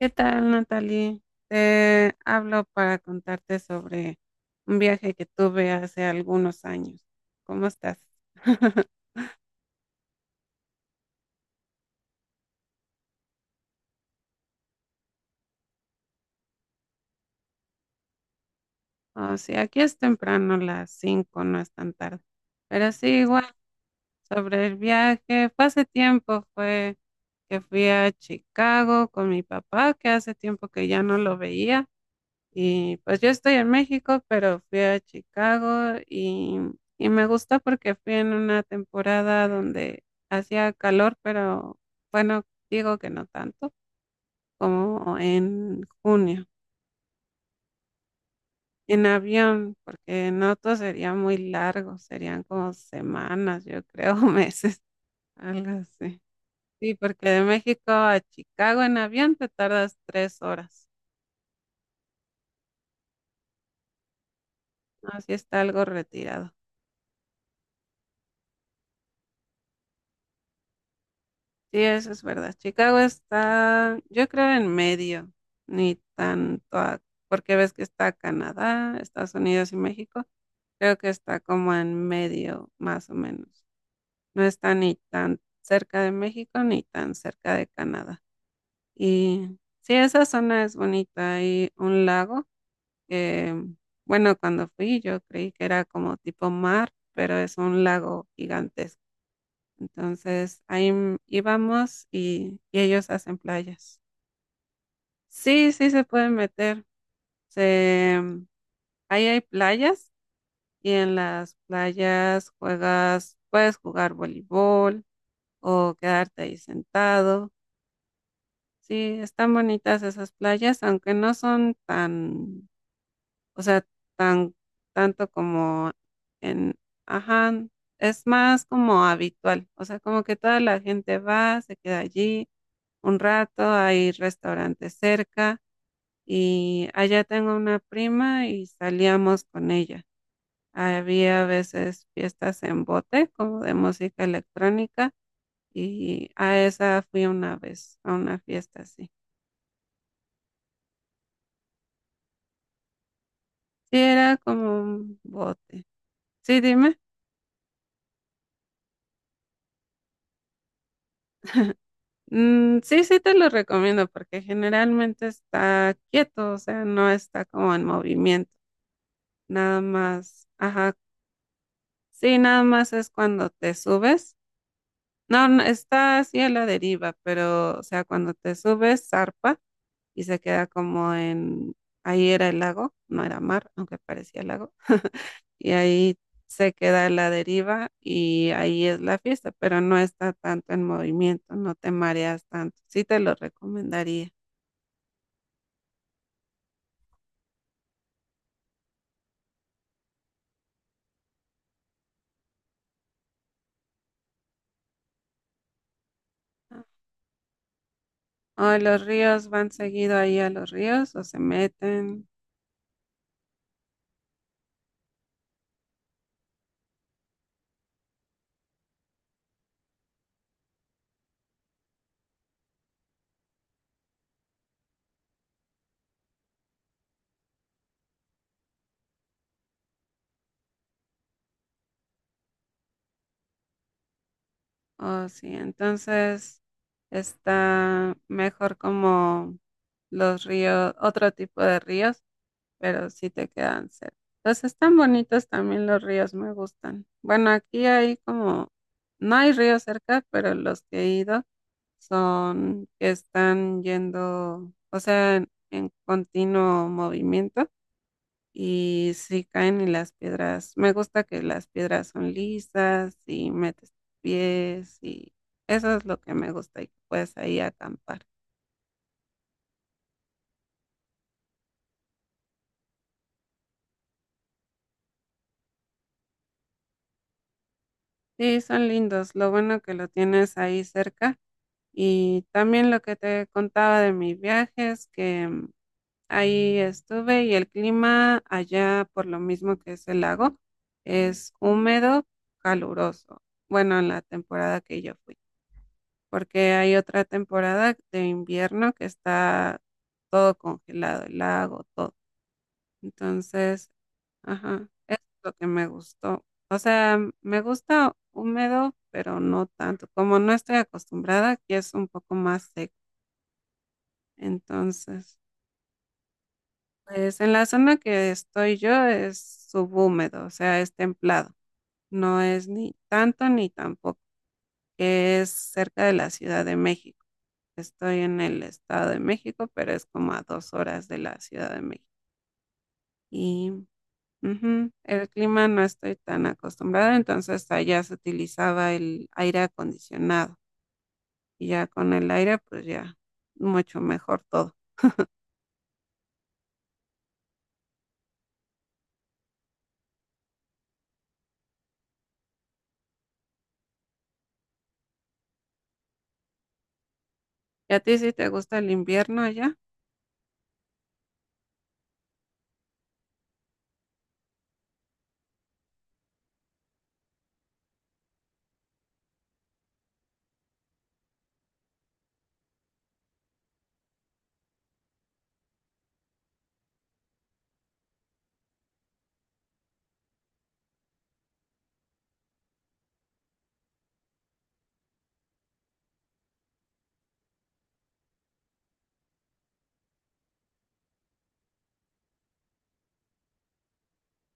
¿Qué tal, Natalie? Te hablo para contarte sobre un viaje que tuve hace algunos años. ¿Cómo estás? O sea, aquí es temprano, las 5, no es tan tarde. Pero sí, igual, sobre el viaje, fue hace tiempo, fue que fui a Chicago con mi papá, que hace tiempo que ya no lo veía. Y pues yo estoy en México, pero fui a Chicago y me gustó porque fui en una temporada donde hacía calor, pero bueno, digo que no tanto como en junio. En avión, porque en auto sería muy largo, serían como semanas, yo creo, meses, algo así. Sí, porque de México a Chicago en avión te tardas 3 horas. Así está algo retirado. Sí, eso es verdad. Chicago está, yo creo, en medio, ni tanto, porque ves que está Canadá, Estados Unidos y México. Creo que está como en medio, más o menos. No está ni tan cerca de México ni tan cerca de Canadá. Y sí, esa zona es bonita. Hay un lago que, bueno, cuando fui yo creí que era como tipo mar, pero es un lago gigantesco. Entonces, íbamos y ellos hacen playas. Sí, sí se pueden meter. Se, mm, ahí hay playas y en las playas juegas, puedes jugar voleibol o quedarte ahí sentado. Sí, están bonitas esas playas, aunque no son tan, o sea, tan, tanto como en, ajá, es más como habitual. O sea, como que toda la gente va, se queda allí un rato, hay restaurantes cerca y allá tengo una prima y salíamos con ella. Había a veces fiestas en bote, como de música electrónica, y a esa fui una vez, a una fiesta así. Sí, era como un bote. Sí, dime. Mm, sí, sí te lo recomiendo porque generalmente está quieto, o sea, no está como en movimiento. Nada más, ajá. Sí, nada más es cuando te subes. No, no, está así a la deriva, pero, o sea, cuando te subes, zarpa y se queda ahí era el lago, no era mar, aunque parecía lago, y ahí se queda a la deriva y ahí es la fiesta, pero no está tanto en movimiento, no te mareas tanto. Sí te lo recomendaría. O los ríos van seguido ahí a los ríos, o se meten, o sí, entonces está mejor como los ríos, otro tipo de ríos pero sí te quedan cerca. Los están bonitos también los ríos, me gustan. Bueno, aquí hay como, no hay ríos cerca, pero los que he ido son que están yendo, o sea, en continuo movimiento y si caen y las piedras, me gusta que las piedras son lisas y metes tus pies y eso es lo que me gusta y que puedes ahí acampar. Sí, son lindos. Lo bueno que lo tienes ahí cerca. Y también lo que te contaba de mis viajes, que ahí estuve y el clima allá, por lo mismo que es el lago, es húmedo, caluroso. Bueno, en la temporada que yo fui, porque hay otra temporada de invierno que está todo congelado, el lago, todo. Entonces, ajá, es lo que me gustó. O sea, me gusta húmedo, pero no tanto. Como no estoy acostumbrada, aquí es un poco más seco. Entonces, pues en la zona que estoy yo es subhúmedo, o sea, es templado. No es ni tanto ni tampoco, que es cerca de la Ciudad de México. Estoy en el Estado de México, pero es como a 2 horas de la Ciudad de México. Y ujú, el clima no estoy tan acostumbrada, entonces allá se utilizaba el aire acondicionado. Y ya con el aire, pues ya mucho mejor todo. ¿Y a ti si te gusta el invierno allá?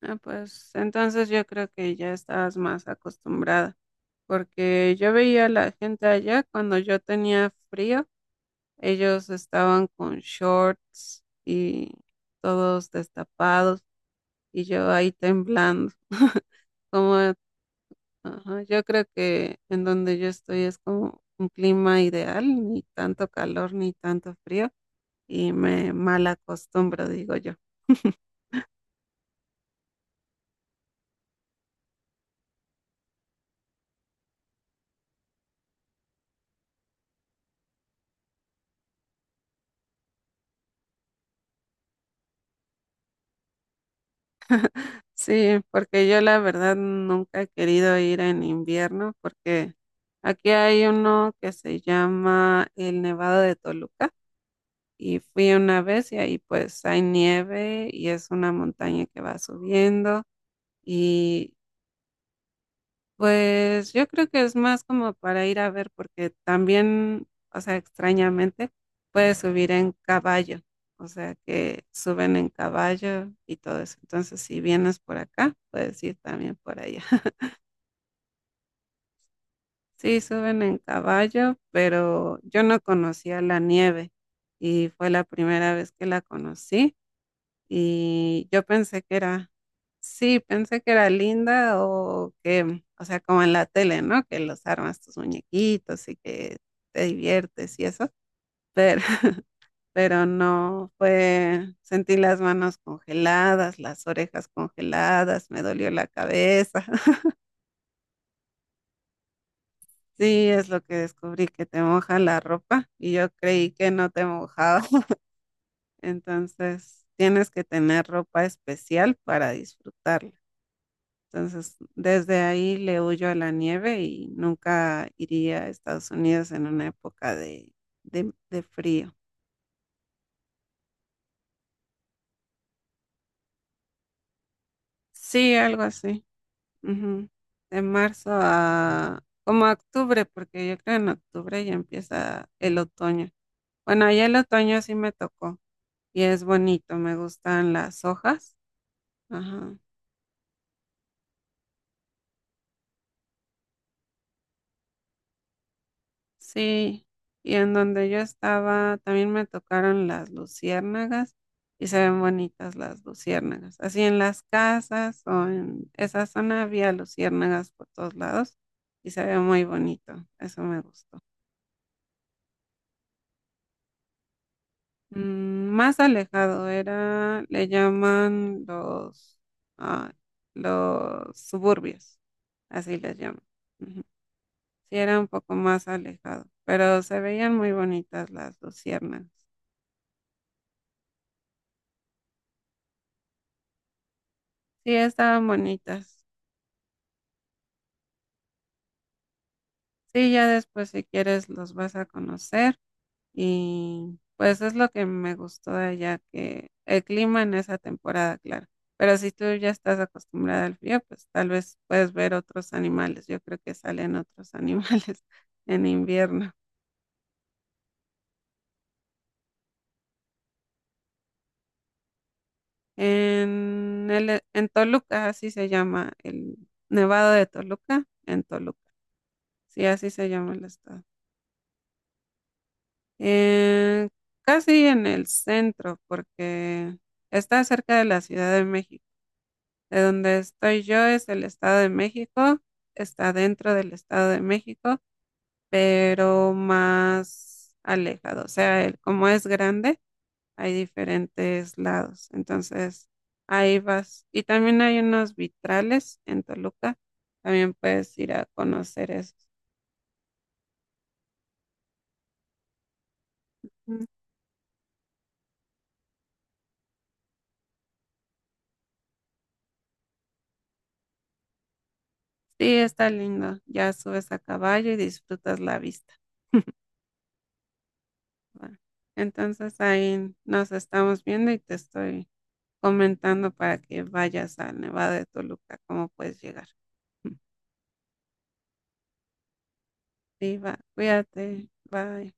Ah, pues entonces yo creo que ya estabas más acostumbrada, porque yo veía a la gente allá cuando yo tenía frío, ellos estaban con shorts y todos destapados y yo ahí temblando. Como, ajá, yo creo que en donde yo estoy es como un clima ideal, ni tanto calor ni tanto frío y me mal acostumbro, digo yo. Sí, porque yo la verdad nunca he querido ir en invierno porque aquí hay uno que se llama el Nevado de Toluca y fui una vez y ahí pues hay nieve y es una montaña que va subiendo y pues yo creo que es más como para ir a ver porque también, o sea, extrañamente puedes subir en caballo, o sea que suben en caballo y todo eso. Entonces, si vienes por acá, puedes ir también por allá. Sí, suben en caballo, pero yo no conocía la nieve y fue la primera vez que la conocí y yo pensé que era, sí, pensé que era linda o que, o sea, como en la tele, ¿no? Que los armas tus muñequitos y que te diviertes y eso, pero, pero no fue, sentí las manos congeladas, las orejas congeladas, me dolió la cabeza. Sí, es lo que descubrí, que te moja la ropa y yo creí que no te mojaba. Entonces, tienes que tener ropa especial para disfrutarla. Entonces, desde ahí le huyo a la nieve y nunca iría a Estados Unidos en una época de, de frío. Sí, algo así. Ujú. De marzo a como a octubre, porque yo creo en octubre ya empieza el otoño. Bueno, ya el otoño sí me tocó y es bonito, me gustan las hojas. Ajá. Sí, y en donde yo estaba también me tocaron las luciérnagas y se ven bonitas las luciérnagas. Así en las casas o en esa zona había luciérnagas por todos lados y se ve muy bonito, eso me gustó. Mm, más alejado era, le llaman los, ah, los suburbios, así les llaman. Ujú. Sí, era un poco más alejado, pero se veían muy bonitas las luciernas. Sí, estaban bonitas. Sí, ya después si quieres los vas a conocer y pues es lo que me gustó de allá, que el clima en esa temporada, claro. Pero si tú ya estás acostumbrada al frío, pues tal vez puedes ver otros animales. Yo creo que salen otros animales en invierno. En Toluca, así se llama, el Nevado de Toluca, en Toluca. Sí, así se llama el estado. Eh, casi en el centro, porque está cerca de la Ciudad de México. De donde estoy yo es el Estado de México, está dentro del Estado de México, pero más alejado. O sea, como es grande, hay diferentes lados. Entonces, ahí vas. Y también hay unos vitrales en Toluca. También puedes ir a conocer eso. Sí, está lindo. Ya subes a caballo y disfrutas la vista. ¿Va? Entonces ahí nos estamos viendo y te estoy comentando para que vayas al Nevado de Toluca, cómo puedes llegar. Sí, va, cuídate, bye.